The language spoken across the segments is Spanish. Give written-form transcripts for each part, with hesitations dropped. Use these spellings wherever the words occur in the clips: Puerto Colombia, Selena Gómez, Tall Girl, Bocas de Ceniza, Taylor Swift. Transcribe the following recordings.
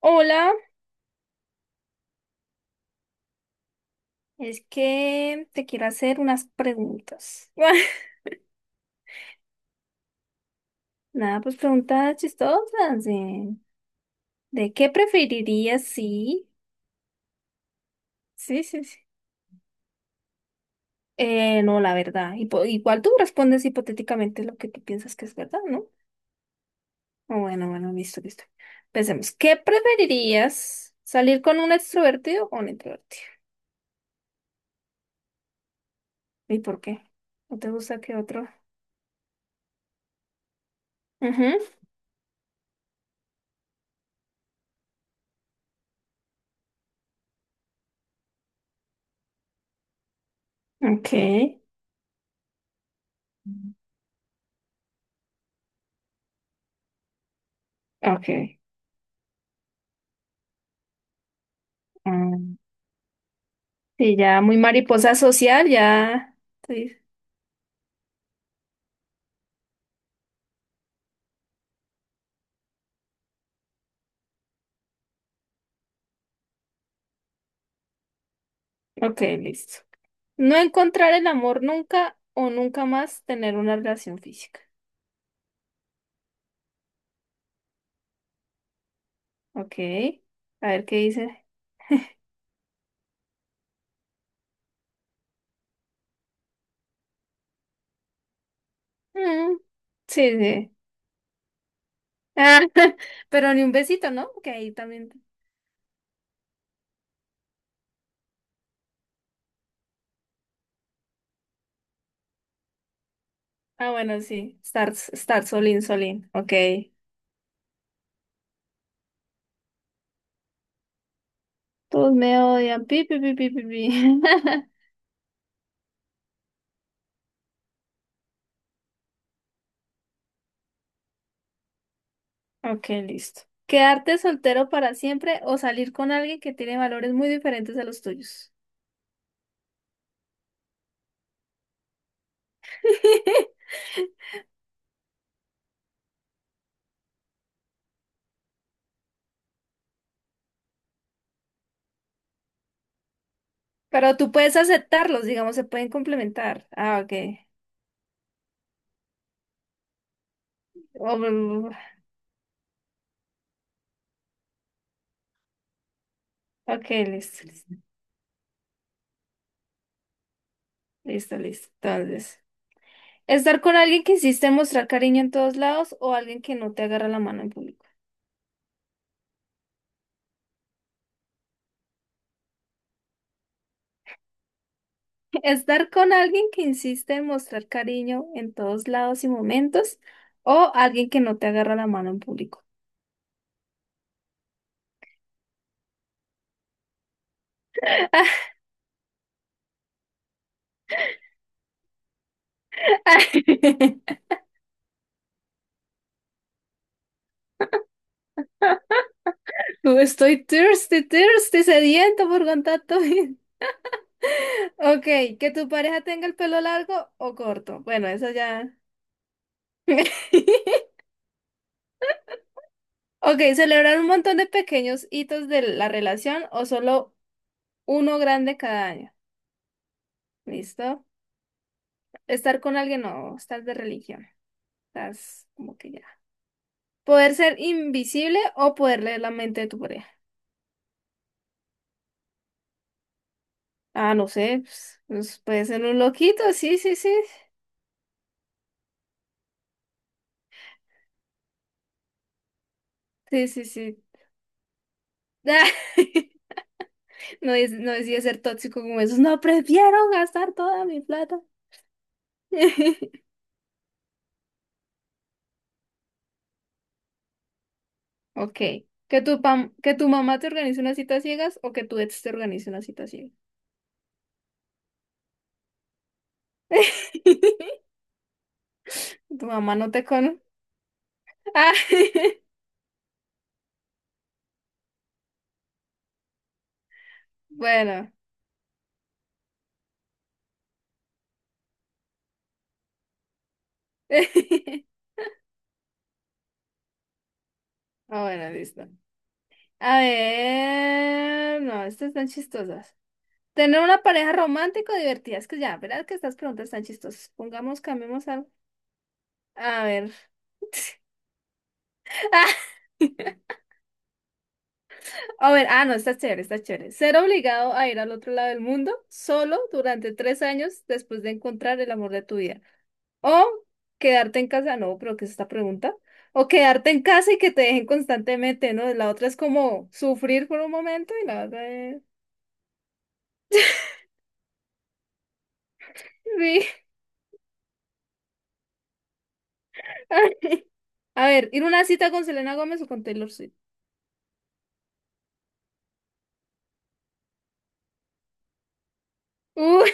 Hola, es que te quiero hacer unas preguntas. Nada, pues preguntas chistosas. De qué preferirías si? Sí, sí, sí. No, la verdad. Igual tú respondes hipotéticamente lo que tú piensas que es verdad, ¿no? Ah, bueno, bueno, listo, listo. Pensemos, ¿qué preferirías? ¿Salir con un extrovertido o un introvertido? ¿Y por qué? ¿No te gusta que otro? Ujú. Ok, ok. Mm. Sí, ya muy mariposa social, ya. Sí. Ok, listo. No encontrar el amor nunca o nunca más tener una relación física. Ok. A ver qué dice. Mm, sí, sí. Ah, pero ni un besito, ¿no? Que ahí también. Ah, bueno, sí. Estar, estar solín, solín. Ok. Todos me odian. Pi, pi, pi, pi, pi, pi. Ok, listo. ¿Quedarte soltero para siempre o salir con alguien que tiene valores muy diferentes a los tuyos? Pero tú puedes aceptarlos, digamos, se pueden complementar. Ah, ok. Oh, mm. Ok, listo, listo, listo, listo. Entonces, estar con alguien que insiste en mostrar cariño en todos lados o alguien que no te agarra la mano en público. Estar con alguien que insiste en mostrar cariño en todos lados y momentos o alguien que no te agarra la mano en público. Estoy thirsty, thirsty, sediento por contacto. Ok, que tu pareja tenga el pelo largo o corto. Bueno, eso ya. Ok, ¿celebrar un montón de pequeños hitos de la relación o solo uno grande cada año? ¿Listo? Estar con alguien o estás de religión. Estás como que ya. ¿Poder ser invisible o poder leer la mente de tu pareja? Ah, no sé, pues, pues puede ser un loquito, sí, sí, sí. Sí, sí, sí. No, es, no decía ser tóxico como esos. No, prefiero gastar toda mi plata. Ok. ¿Que tu, que tu mamá te organice una cita a ciegas o que tu ex te organice una cita a ciegas? Tu mamá no te conoce. Ah, bueno. Ah, bueno, listo. A ver. No, estas están chistosas. Tener una pareja romántica o divertida. Es que ya, ¿verdad que estas preguntas están chistosas? Pongamos, cambiemos algo. A ver. Ah, a ver, ah, no, está chévere, está chévere. Ser obligado a ir al otro lado del mundo solo durante 3 años después de encontrar el amor de tu vida. O quedarte en casa, no, pero ¿qué es esta pregunta? O quedarte en casa y que te dejen constantemente, ¿no? La otra es como sufrir por un momento y la otra es... Sí. A ver, ¿ir a una cita con Selena Gómez o con Taylor Swift? Uy.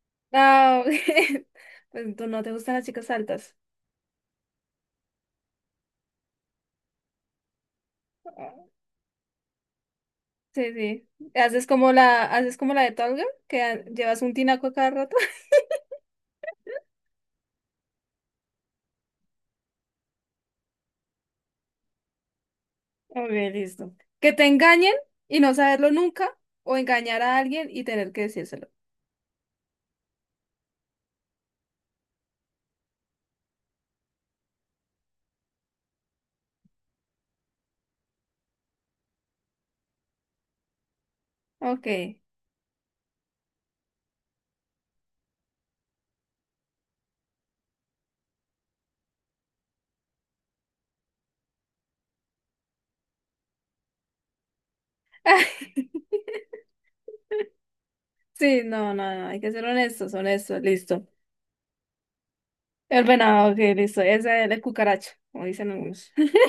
No. Pues tú no te gustan las chicas altas. Ah. Sí, sí. Haces como la de Tall Girl, que llevas un tinaco a cada rato. Ok, listo. Que te engañen y no saberlo nunca, o engañar a alguien y tener que decírselo. Ok. Sí, no, no, no, hay que ser honestos, honestos, listo. El venado, ok, listo, esa es la cucaracha, como dicen algunos.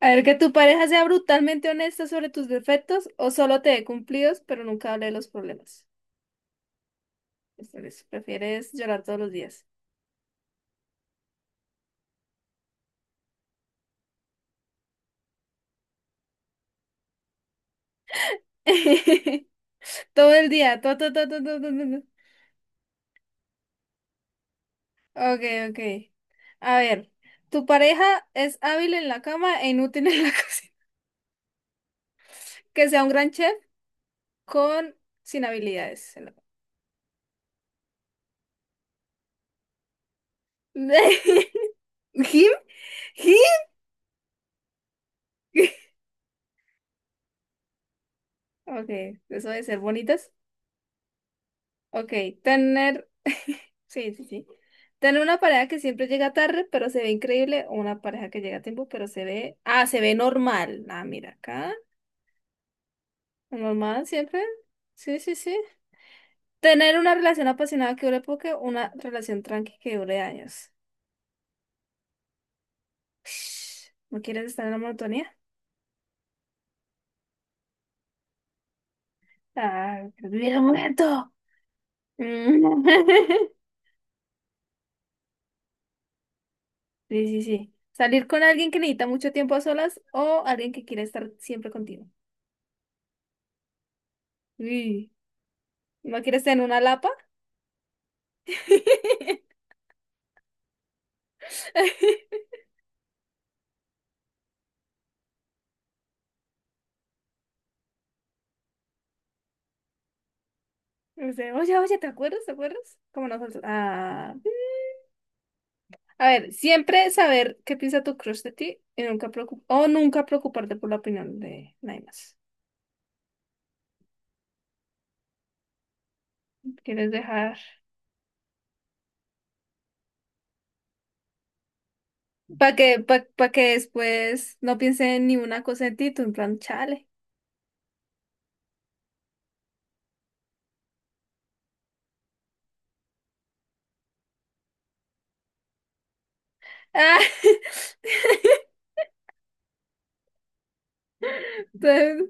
A ver, que tu pareja sea brutalmente honesta sobre tus defectos o solo te dé cumplidos, pero nunca hable de los problemas. Listo, listo. Prefieres llorar todos los días. Todo el día. Todo, todo, todo, todo, todo, todo. Ok, ok. A ver, tu pareja es hábil en la cama e inútil en la cocina. Que sea un gran chef con sin habilidades en la cama. ¿Him? ¿Him? Ok, eso de ser bonitas. Ok, tener. Sí, sí, sí. Tener una pareja que siempre llega tarde, pero se ve increíble. O una pareja que llega a tiempo, pero se ve. Ah, se ve normal. Ah, mira acá. Normal siempre. Sí, sí, sí. Tener una relación apasionada que dure poco, una relación tranqui que dure años. Ush, ¿no quieres estar en la monotonía? Ah, quiero vivir un momento. Sí, sí, sí. Salir con alguien que necesita mucho tiempo a solas o alguien que quiere estar siempre contigo. Uy, ¿no quieres tener una lapa? No sé, oye, oye, ¿te acuerdas? ¿Te acuerdas? Como nosotros. Ah. A ver, siempre saber qué piensa tu crush de ti y nunca o nunca preocuparte por la opinión de nadie más. ¿Quieres dejar? Para que, pa que después no piense en ninguna cosa en ti, tú en plan, chale. Ah. Entonces,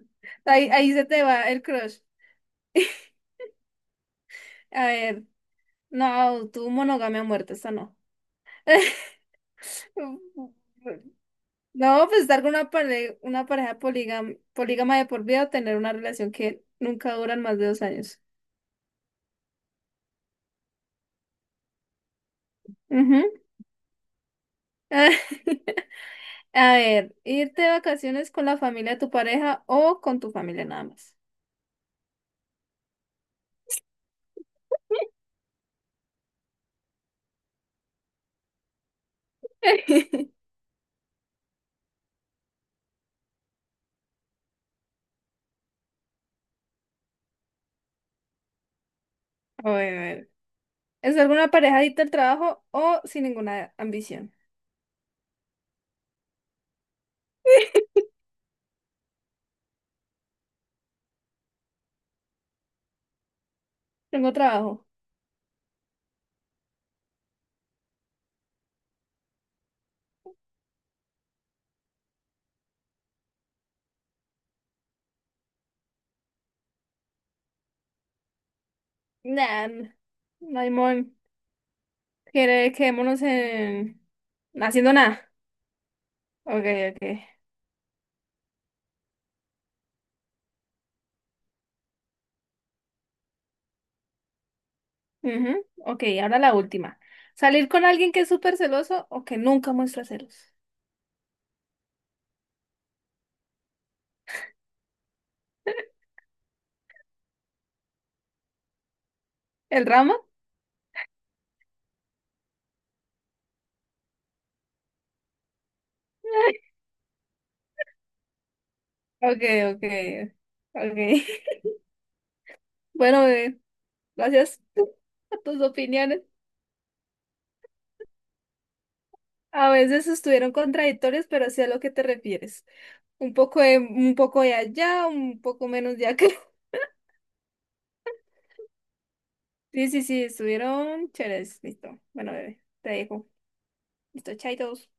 ahí, ahí se te va el crush. A ver. No, tu monogamia a muerte, esa no. No, pues estar con una, una pareja polígama, polígama de por vida o tener una relación que nunca duran más de 2 años. Ujú. A ver, irte de vacaciones con la familia de tu pareja o con tu familia nada más. A ver, a ver. ¿Es alguna pareja adicta al trabajo o sin ninguna ambición? Tengo trabajo. Nah, n- no hay mon. Quedémonos en... haciendo nada. Ok, ok. Ujú. Ok, ahora la última. ¿Salir con alguien que es súper celoso o que nunca muestra celos? ¿El drama? Ok, ok, ok. Bueno, bebé, gracias a tus opiniones. A veces estuvieron contradictorias, pero sí a lo que te refieres. Un poco de allá, un poco menos de acá. Sí, sí, sí, estuvieron chéveres. Listo. Bueno, bebé, te dejo. Listo, chaitos.